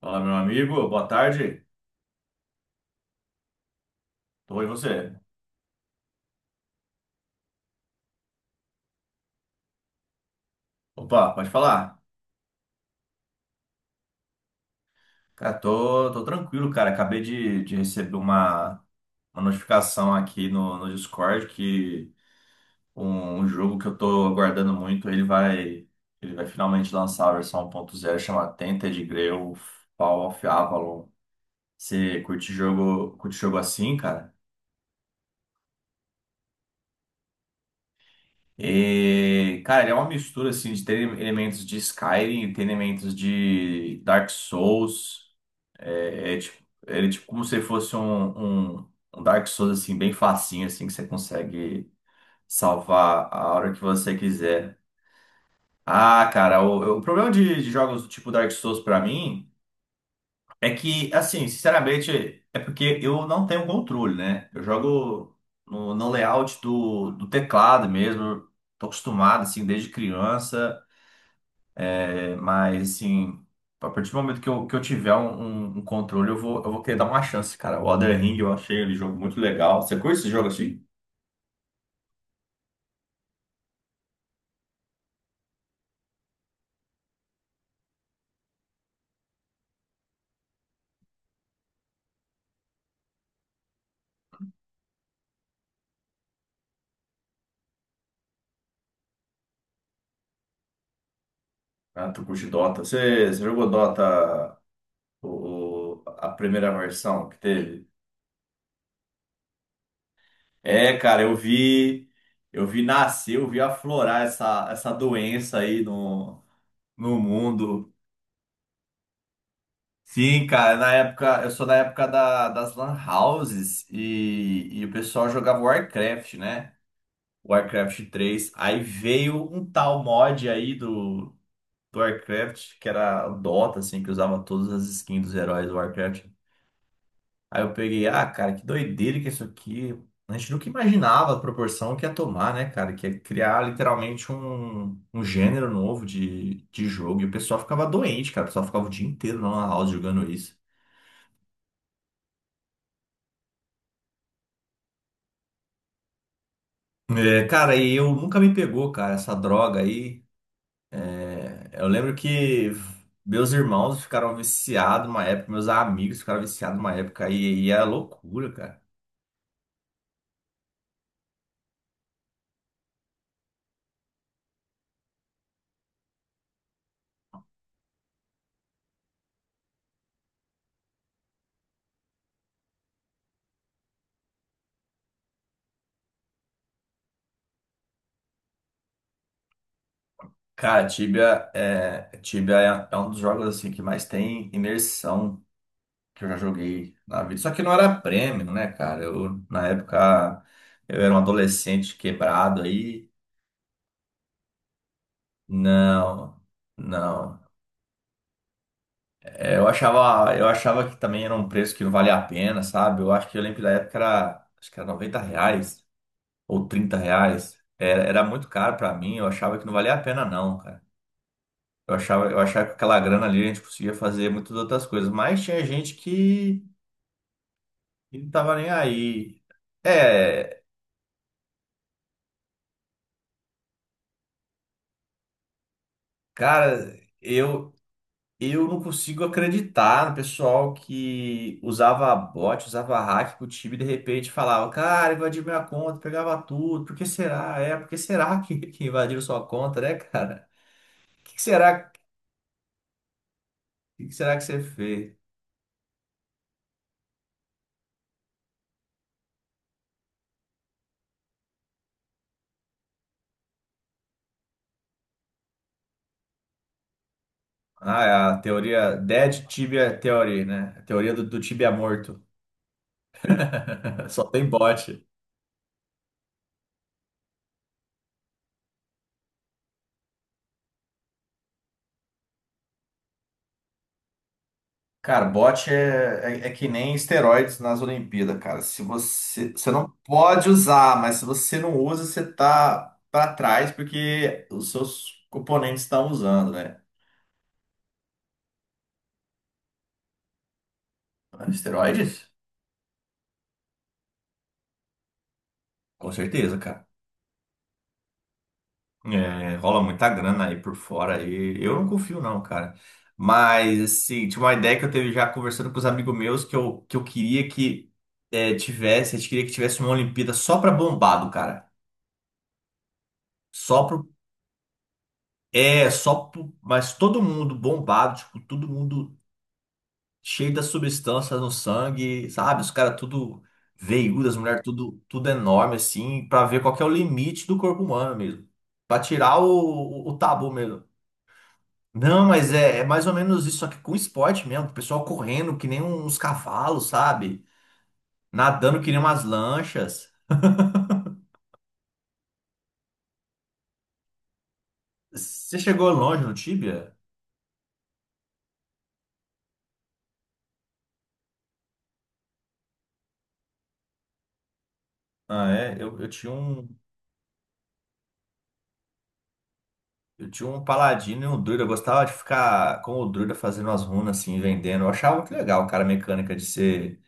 Fala, meu amigo, boa tarde. Tô com você. Opa, pode falar. Cara, tô tranquilo, cara. Acabei de receber uma notificação aqui no Discord que um jogo que eu tô aguardando muito, ele vai finalmente lançar a versão 1.0, chama Tainted Grail Fall of Avalon. Você curte jogo assim, cara? E, cara, ele é uma mistura assim de ter elementos de Skyrim, tem elementos de Dark Souls. É, tipo, ele é tipo como se fosse um Dark Souls assim, bem facinho, assim, que você consegue salvar a hora que você quiser. Ah, cara, o problema de jogos do tipo Dark Souls pra mim é que, assim, sinceramente, é porque eu não tenho controle, né? Eu jogo no layout do teclado mesmo, tô acostumado, assim, desde criança. Mas, assim, a partir do momento que eu tiver um controle, eu vou querer dar uma chance, cara. O Elden Ring eu achei ele jogo muito legal. Você curte esse jogo assim? Ah, tu curte Dota? Você jogou Dota a primeira versão que teve? É, cara, eu vi nascer, eu vi aflorar essa doença aí no mundo. Sim, cara, na época, eu sou da época da, das lan houses e o pessoal jogava Warcraft, né? Warcraft três. Aí veio um tal mod aí do Warcraft, que era o Dota, assim, que usava todas as skins dos heróis do Warcraft. Aí eu peguei, ah, cara, que doideira que é isso aqui. A gente nunca imaginava a proporção que ia tomar, né, cara? Que ia criar literalmente um gênero novo de jogo. E o pessoal ficava doente, cara. O pessoal ficava o dia inteiro na lan house jogando isso. É, cara, e eu nunca me pegou, cara, essa droga aí. É, eu lembro que meus irmãos ficaram viciados uma época, meus amigos ficaram viciados uma época, e é loucura, cara. Cara, Tibia, Tibia é um dos jogos assim que mais tem imersão que eu já joguei na vida. Só que não era prêmio, né, cara? Eu, na época, eu era um adolescente quebrado aí. Não, não. É, eu achava que também era um preço que não valia a pena, sabe? Eu acho que eu lembro da época era, acho que era 90 reais, ou 30 reais, era muito caro pra mim, eu achava que não valia a pena não, cara. Eu achava que aquela grana ali a gente conseguia fazer muitas outras coisas, mas tinha gente que não tava nem aí. É, cara, eu não consigo acreditar no pessoal que usava bot, usava hack com o time e de repente falava, cara, invadiu minha conta, pegava tudo, por que será? É, por que será que invadiram sua conta, né, cara? O que que será que você fez? Ah, é a teoria Dead Tibia Theory, né? A teoria do tibia morto. Só tem bot. Cara, bot é que nem esteroides nas Olimpíadas, cara. Se você não pode usar, mas se você não usa, você tá pra trás porque os seus componentes estão usando, né? Esteroides? Com certeza, cara. É, rola muita grana aí por fora aí. Eu não confio, não, cara. Mas, assim, tinha uma ideia que eu teve já conversando com os amigos meus que eu queria que tivesse, a gente queria que tivesse uma Olimpíada só pra bombado, cara. Só pro. É, só pro. Mas todo mundo bombado, tipo, todo mundo cheio das substâncias no sangue, sabe? Os caras tudo veiudo, as mulheres tudo enorme, assim, pra ver qual que é o limite do corpo humano mesmo. Pra tirar o tabu mesmo. Não, mas é mais ou menos isso, só que com esporte mesmo. O pessoal correndo que nem uns cavalos, sabe? Nadando que nem umas lanchas. Você chegou longe no Tibia? Ah, é. Eu tinha um paladino e um druida. Eu gostava de ficar com o druida fazendo as runas assim, vendendo. Eu achava muito legal, cara, a mecânica de ser,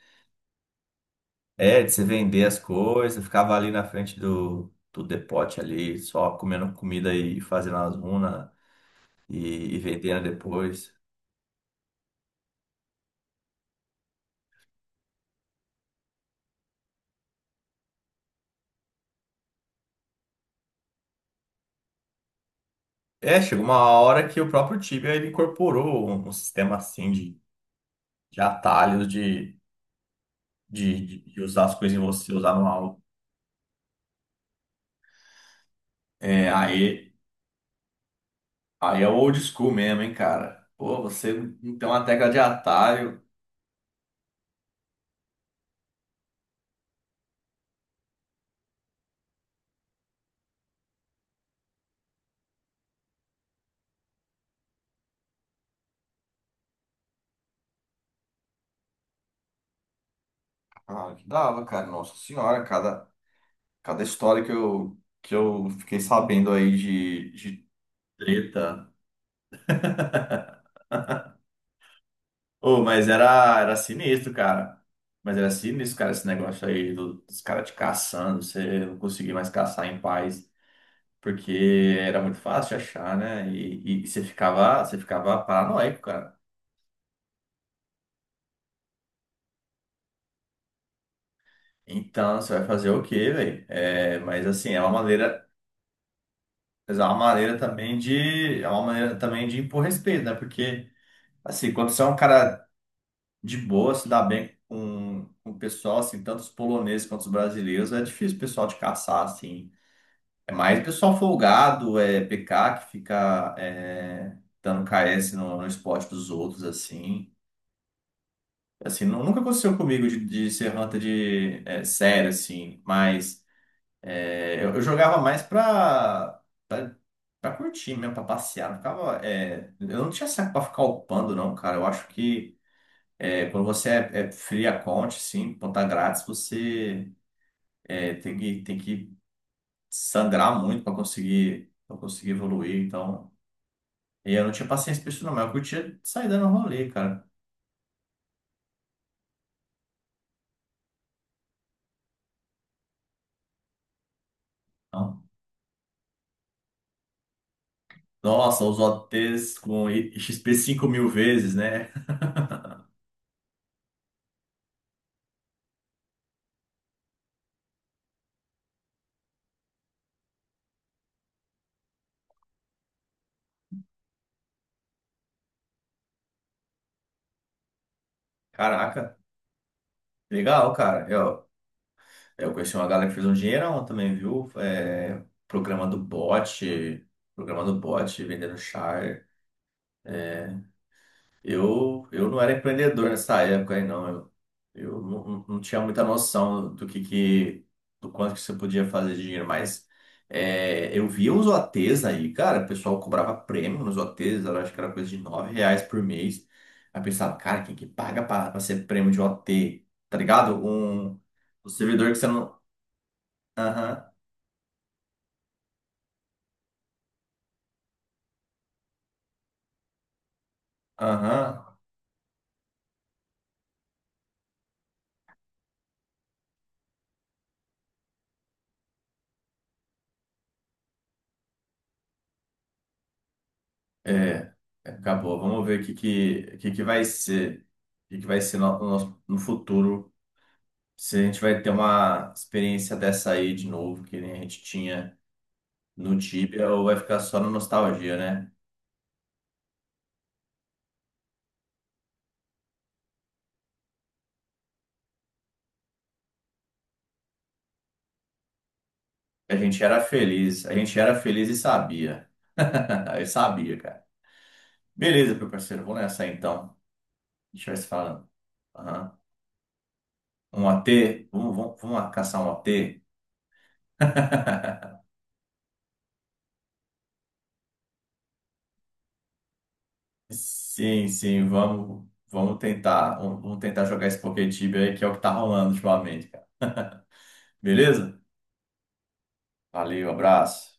é, de você vender as coisas. Eu ficava ali na frente do depote ali, só comendo comida e fazendo as runas e, e vendendo depois. É, chegou uma hora que o próprio Tibia ele incorporou um sistema assim de atalhos de usar as coisas em você, usar no algo. É, aí é o old school mesmo, hein, cara. Pô, você não tem uma tecla de atalho. Ah, que dava, cara. Nossa senhora, cada história que eu fiquei sabendo aí de treta. Oh, mas era sinistro, cara. Mas era sinistro, cara, esse negócio aí dos caras te caçando, você não conseguia mais caçar em paz. Porque era muito fácil de achar, né? E você ficava paranoico, cara. Então, você vai fazer o quê, velho? É, mas assim, é uma maneira, mas é uma maneira também de impor respeito, né? Porque assim, quando você é um cara de boa, se dá bem com o pessoal, assim, tanto os poloneses quanto os brasileiros, é difícil o pessoal te caçar, assim. É mais o pessoal folgado, é PK que fica dando KS no esporte dos outros, assim. Assim, nunca aconteceu comigo de ser hunter de sério, assim, mas eu jogava mais pra curtir mesmo, pra passear. Não ficava, eu não tinha saco pra ficar upando, não, cara. Eu acho que quando você é free account, assim, conta grátis, você tem que sangrar muito pra conseguir evoluir. Então, e eu não tinha paciência pra isso, não, mas eu curtia sair dando rolê, cara. Então, nossa, os OTs com XP 5 mil vezes, né? Caraca, legal, cara. Eu conheci uma galera que fez um dinheirão também, viu? É, programa do bot, programa do bot, vendendo char. Eu não era empreendedor nessa época aí, não. Eu não, não tinha muita noção do que do quanto que você podia fazer de dinheiro, mas eu via uns OTs aí, cara, o pessoal cobrava prêmio nos OTs, eu acho que era coisa de 9 reais por mês. Aí eu pensava, cara, quem que paga pra ser prêmio de OT? Tá ligado? Um servidor que você não. Aham, aham. É, é, acabou. Vamos ver o que que vai ser. O que que vai ser no futuro. Se a gente vai ter uma experiência dessa aí de novo, que nem a gente tinha no Tibia, ou vai ficar só na nostalgia, né? A gente era feliz, a gente era feliz e sabia. Eu sabia, cara. Beleza, meu parceiro, vamos nessa aí, então. A gente vai se falando. Aham. Um OT? Vamos, vamos, vamos caçar um OT? Sim, sim, vamos, vamos tentar jogar esse Poké Tibia aí, que é o que tá rolando ultimamente, cara. Beleza? Valeu, abraço.